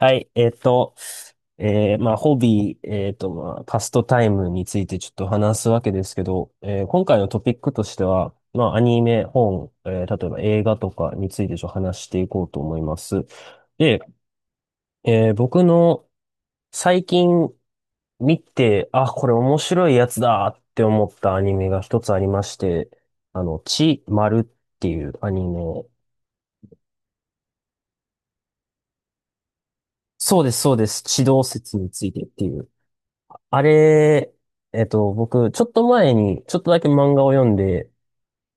はい、まあ、ホビー、まあ、パストタイムについてちょっと話すわけですけど、今回のトピックとしては、まあ、アニメ、本、例えば映画とかについてちょっと話していこうと思います。で、僕の最近見て、あ、これ面白いやつだって思ったアニメが一つありまして、まるっていうアニメ。そうです、そうです。地動説についてっていう。あれ、僕、ちょっと前に、ちょっとだけ漫画を読んで、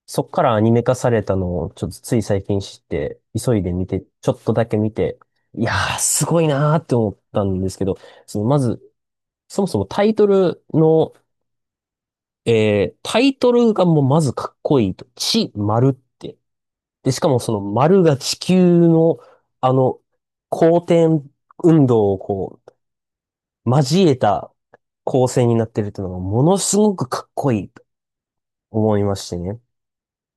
そっからアニメ化されたのを、ちょっとつい最近知って、急いで見て、ちょっとだけ見て、いやー、すごいなーって思ったんですけど、その、まず、そもそもタイトルの、タイトルがもうまずかっこいいと、地、丸って。で、しかもその丸が地球の、あの、公転運動をこう、交えた構成になってるっていうのが、ものすごくかっこいい。思いましてね。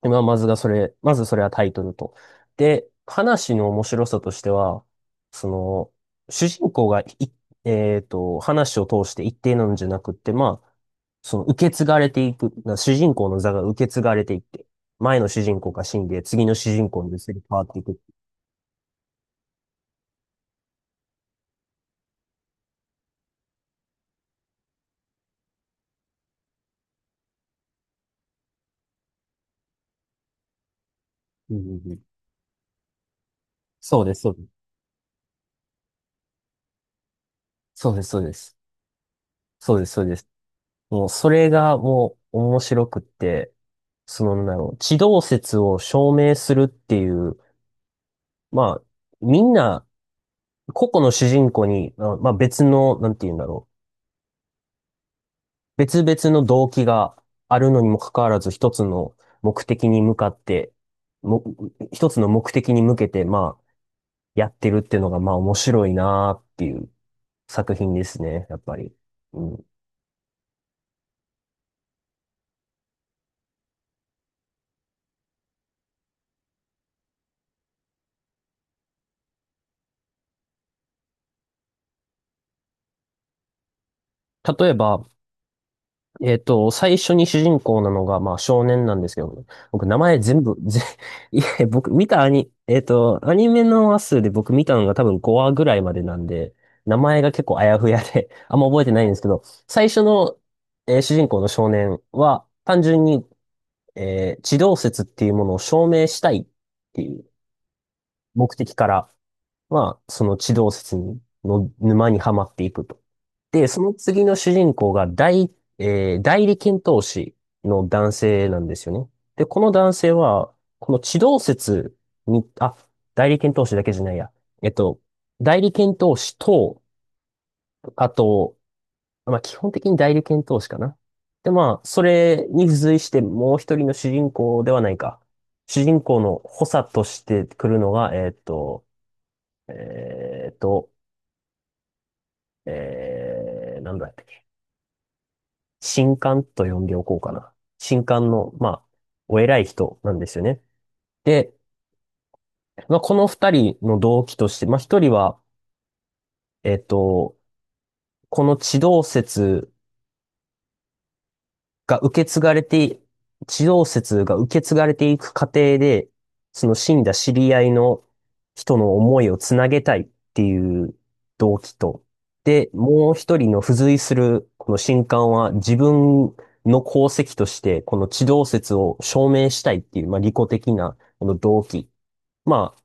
で、まあ、まずがそれ、まずそれはタイトルと。で、話の面白さとしては、その、主人公がい、えっと、話を通して一定なんじゃなくって、まあ、その受け継がれていく、な主人公の座が受け継がれていって、前の主人公が死んで、次の主人公に移り変わっていく。うんうんうん。そうです、そうです。そうです、そうです。そうです、そうです。もう、それがもう面白くって、その、なんだろう、地動説を証明するっていう、まあ、みんな、個々の主人公に、まあまあ別の、なんて言うんだろう。別々の動機があるのにもかかわらず、目的に向かって、も、一つの目的に向けて、まあ、やってるっていうのが、まあ面白いなーっていう作品ですね、やっぱり。うん。例えば、最初に主人公なのが、まあ、少年なんですけど、僕、名前全部、いや僕、見たアニ、えっと、アニメの話数で僕見たのが多分5話ぐらいまでなんで、名前が結構あやふやで、あんま覚えてないんですけど、最初の、主人公の少年は、単純に、地動説っていうものを証明したいっていう目的から、まあ、その地動説の沼にはまっていくと。で、その次の主人公が代、えー代理検討士の男性なんですよね。で、この男性は、この地動説に、あ、代理検討士だけじゃないや。えっと、代理検討士と、あと、まあ、基本的に代理検討士かな。で、まあ、それに付随してもう一人の主人公ではないか。主人公の補佐として来るのが、えっと、なんだったっけ。神官と呼んでおこうかな。神官の、まあ、お偉い人なんですよね。で、まあ、この二人の動機として、まあ、一人は、えっと、この地動説が受け継がれて、地動説が受け継がれていく過程で、その死んだ知り合いの人の思いをつなげたいっていう動機と、で、もう一人の付随するこの神官は自分の功績として、この地動説を証明したいっていう、まあ、利己的なこの動機。ま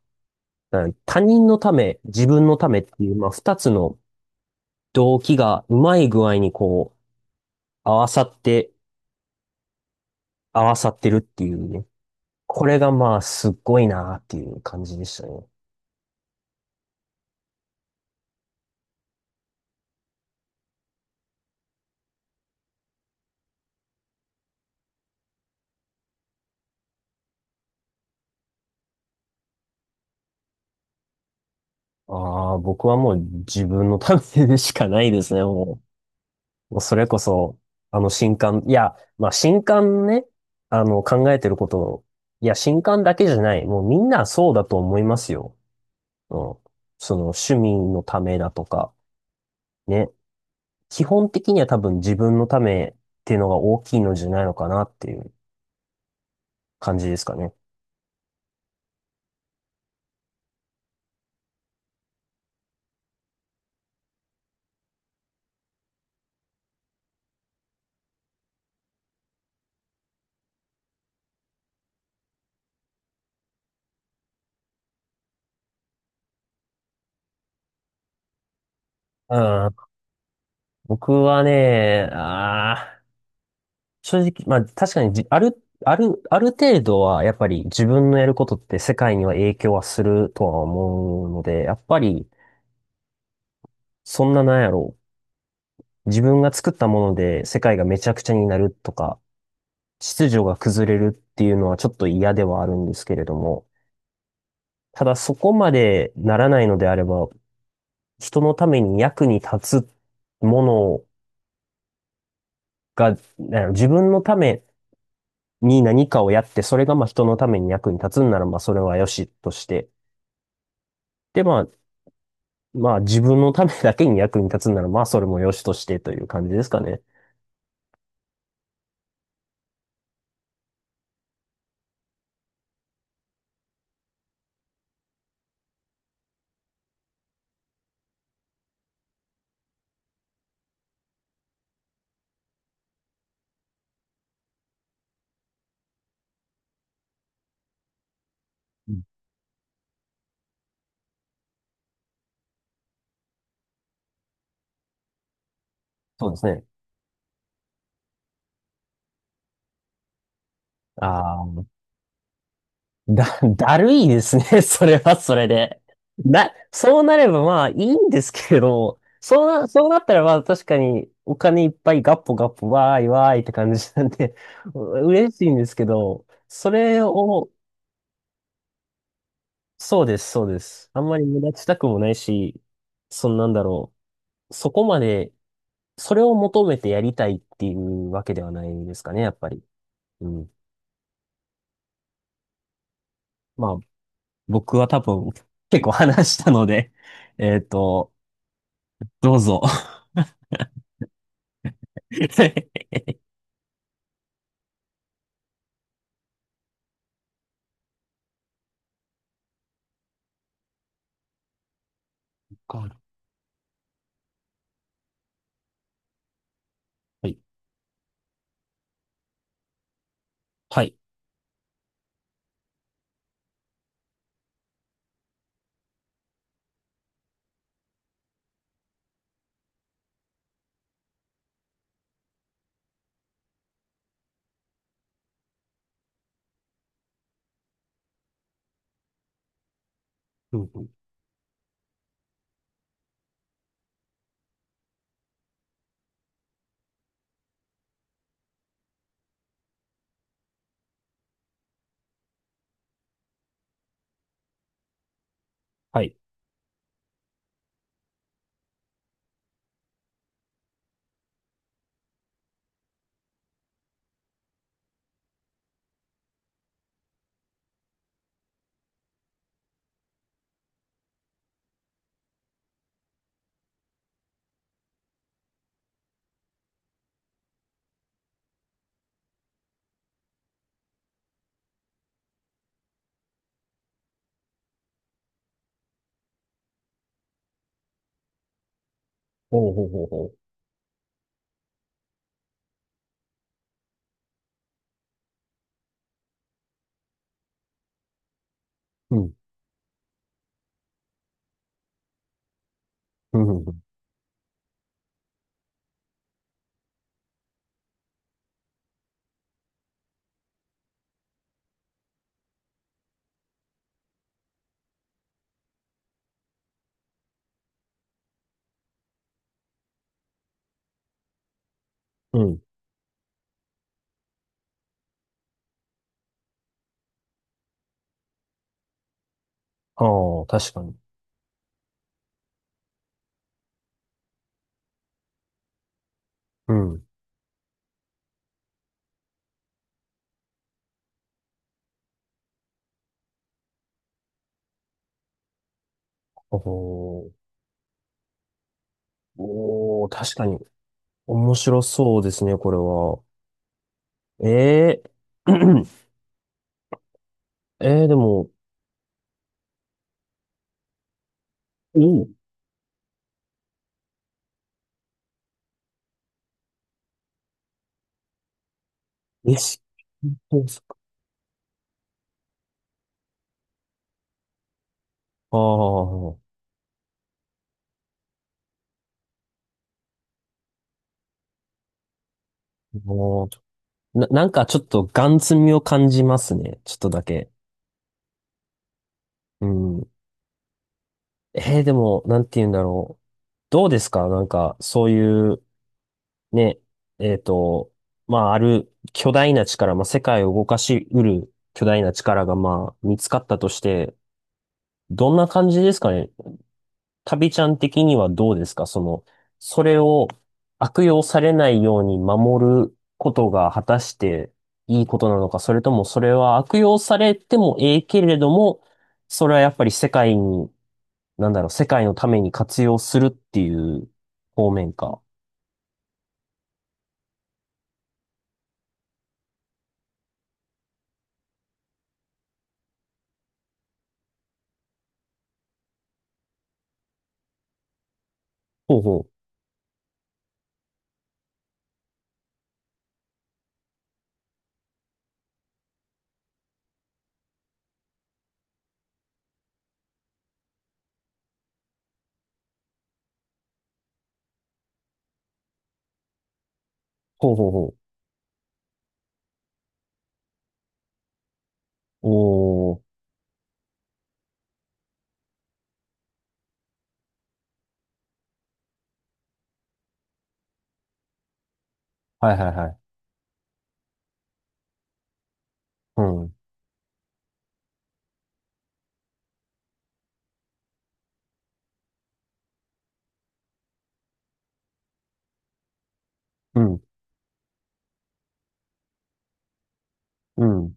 あ、他人のため、自分のためっていう、まあ、二つの動機がうまい具合にこう、合わさって、合わさってるっていうね。これがまあ、すっごいなっていう感じでしたね。ああ、僕はもう自分のためでしかないですね、もう。もうそれこそ、あの新刊、いや、まあ新刊ね、あの考えてることを、いや、新刊だけじゃない、もうみんなそうだと思いますよ。うん。その趣味のためだとか、ね。基本的には多分自分のためっていうのが大きいのじゃないのかなっていう感じですかね。うん。僕はね、ああ、正直、まあ確かにじ、ある、ある、ある程度はやっぱり自分のやることって世界には影響はするとは思うので、やっぱりそんななんやろう。自分が作ったもので世界がめちゃくちゃになるとか、秩序が崩れるっていうのはちょっと嫌ではあるんですけれども、ただそこまでならないのであれば、人のために役に立つものが、なんやろ自分のために何かをやって、それがまあ人のために役に立つんならまあそれはよしとして、で、まあ、まあ自分のためだけに役に立つなら、まあそれも良しとしてという感じですかね。うん、そうですね。ああ、だ、だるいですね。それはそれで。そうなればまあいいんですけれど、そうなったらまあ確かにお金いっぱいガッポガッポわーいわーいって感じなんで、嬉しいんですけど、それを、そうです、そうです。あんまり無駄したくもないし、そんなんだろう。そこまでそれを求めてやりたいっていうわけではないですかね、やっぱり。うん。まあ、僕は多分結構話したので、えっと、どうぞ。はい。はい。うんうんはい。ほうほうほうほう。うん。うん。うんうん。うん。ああ、確かに。うん。おーおー、確かに。面白そうですね、これは。ええー でも、おお、レシピ工作。ああ、ああな、なんかちょっとガン積みを感じますね。ちょっとだけ。うん。でも、なんて言うんだろう。どうですかなんか、そういう、ね、えっと、まあ、ある巨大な力、まあ、世界を動かしうる巨大な力が、まあ、見つかったとして、どんな感じですかね旅ちゃん的にはどうですかその、それを悪用されないように守ることが果たしていいことなのか、それともそれは悪用されてもええけれども、それはやっぱり世界に、なんだろう、世界のために活用するっていう方面か。ほうほう。ほうほうほう。おー。はいはいはい。うん。うん。うん。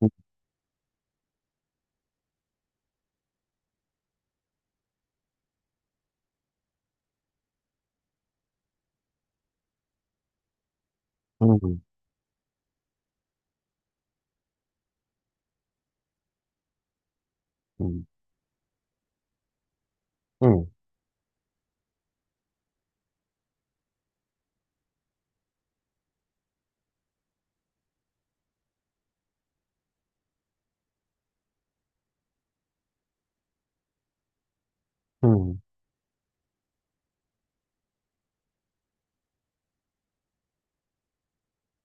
うん。うん。うん。うん。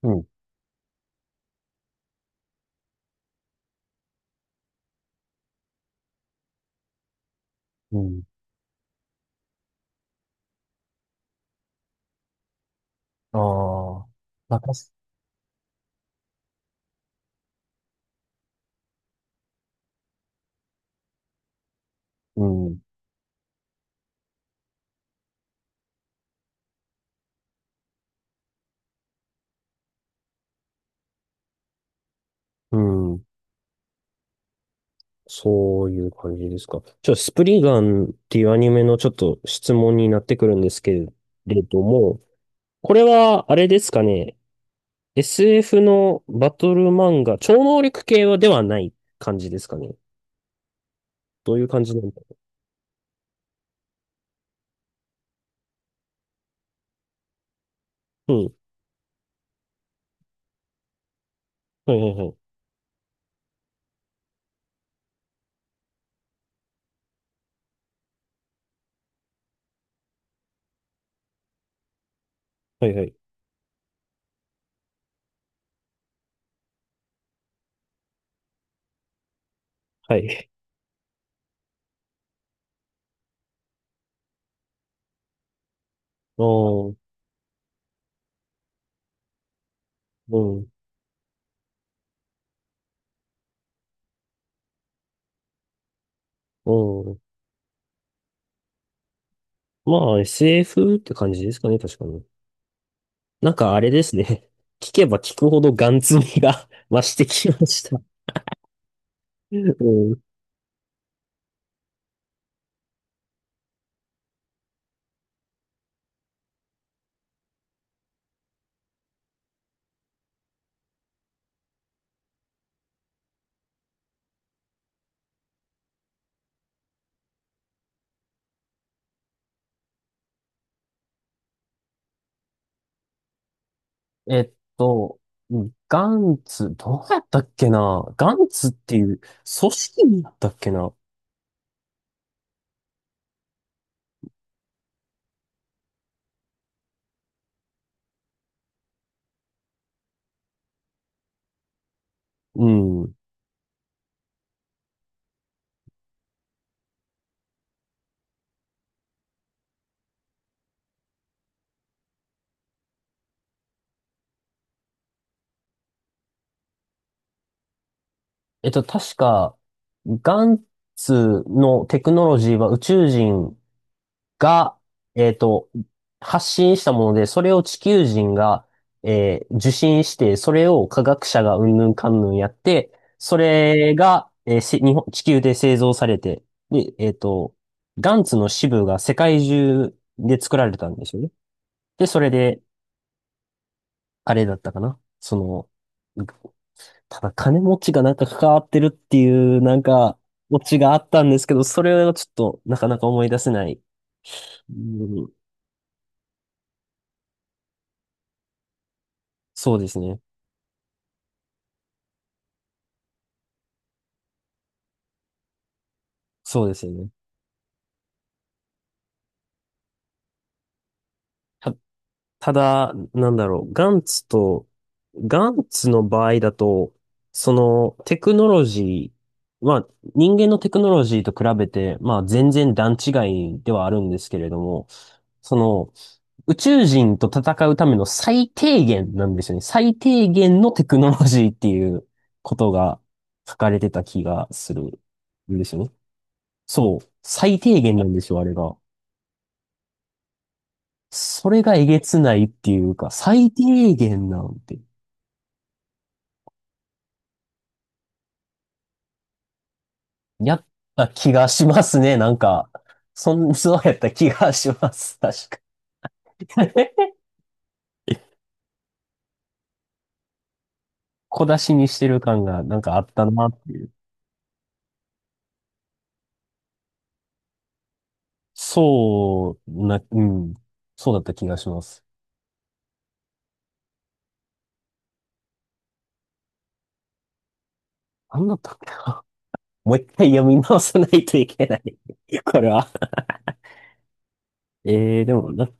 うん。うん。ああ。またす。うん。うん。そういう感じですか。スプリガンっていうアニメのちょっと質問になってくるんですけれども、これは、あれですかね。SF のバトル漫画、超能力系はではない感じですかね。どういう感じなんだ。うん。はいはいはい。はいはい。はい。ああ。うん。うん。まあ、SF って感じですかね、確かに。なんかあれですね。聞けば聞くほどガン積みが 増してきました。うん。えっと、ガンツ、どうやったっけなガンツっていう組織だったっけな。うん。確か、ガンツのテクノロジーは宇宙人が、えっと、発信したもので、それを地球人が、受信して、それを科学者がうんぬんかんぬんやって、それが、えーせ日本、地球で製造されて、で、ガンツの支部が世界中で作られたんですよね。で、それで、あれだったかな。その、ただ金持ちがなんか関わってるっていう、なんか、オチがあったんですけど、それはちょっとなかなか思い出せない。うん、そうですね。そうですよね。た、ただ、なんだろう、ガンツの場合だと、そのテクノロジー、まあ人間のテクノロジーと比べて、まあ全然段違いではあるんですけれども、その宇宙人と戦うための最低限なんですよね。最低限のテクノロジーっていうことが書かれてた気がするんですよね。そう。最低限なんですよ、あれが。それがえげつないっていうか、最低限なんて、やった気がしますね。なんか、そん、そうやった気がします。確かに。小出しにしてる感がなんかあったなっていう。そうな、うん。そうだった気がします。なんだったっけな。もう一回読み直さないといけない。これは。でもな、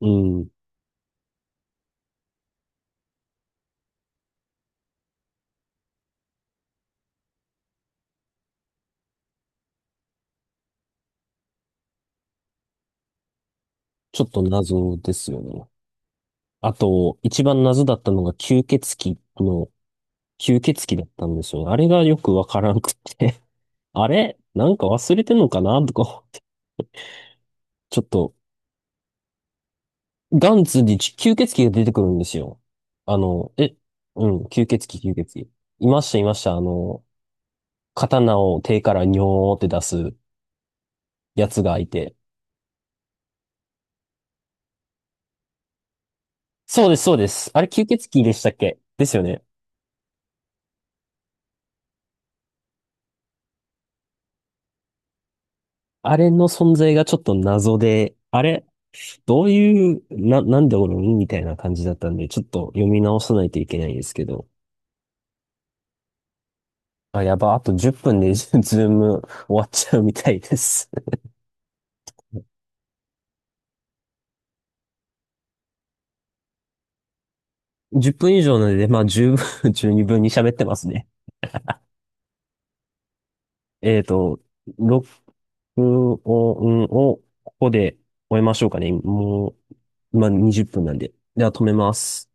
うん。ちょっと謎ですよね。あと、一番謎だったのが吸血鬼だったんですよ。あれがよくわからんくて あれなんか忘れてんのかなとか思って。ちょっと、ガンツに吸血鬼が出てくるんですよ。あの、え、うん、吸血鬼、吸血鬼。いました、いました。刀を手からニョーって出すやつがいて。そうです、そうです。あれ吸血鬼でしたっけですよね。あれの存在がちょっと謎で、あれどういう、なんでおるんみたいな感じだったんで、ちょっと読み直さないといけないんですけど。あ、やば、あと10分で ズーム終わっちゃうみたいです。10分以上なので、まあ十分、十二分に喋ってますね。えっと、録音をここで終えましょうかね。もう、まあ20分なんで。では止めます。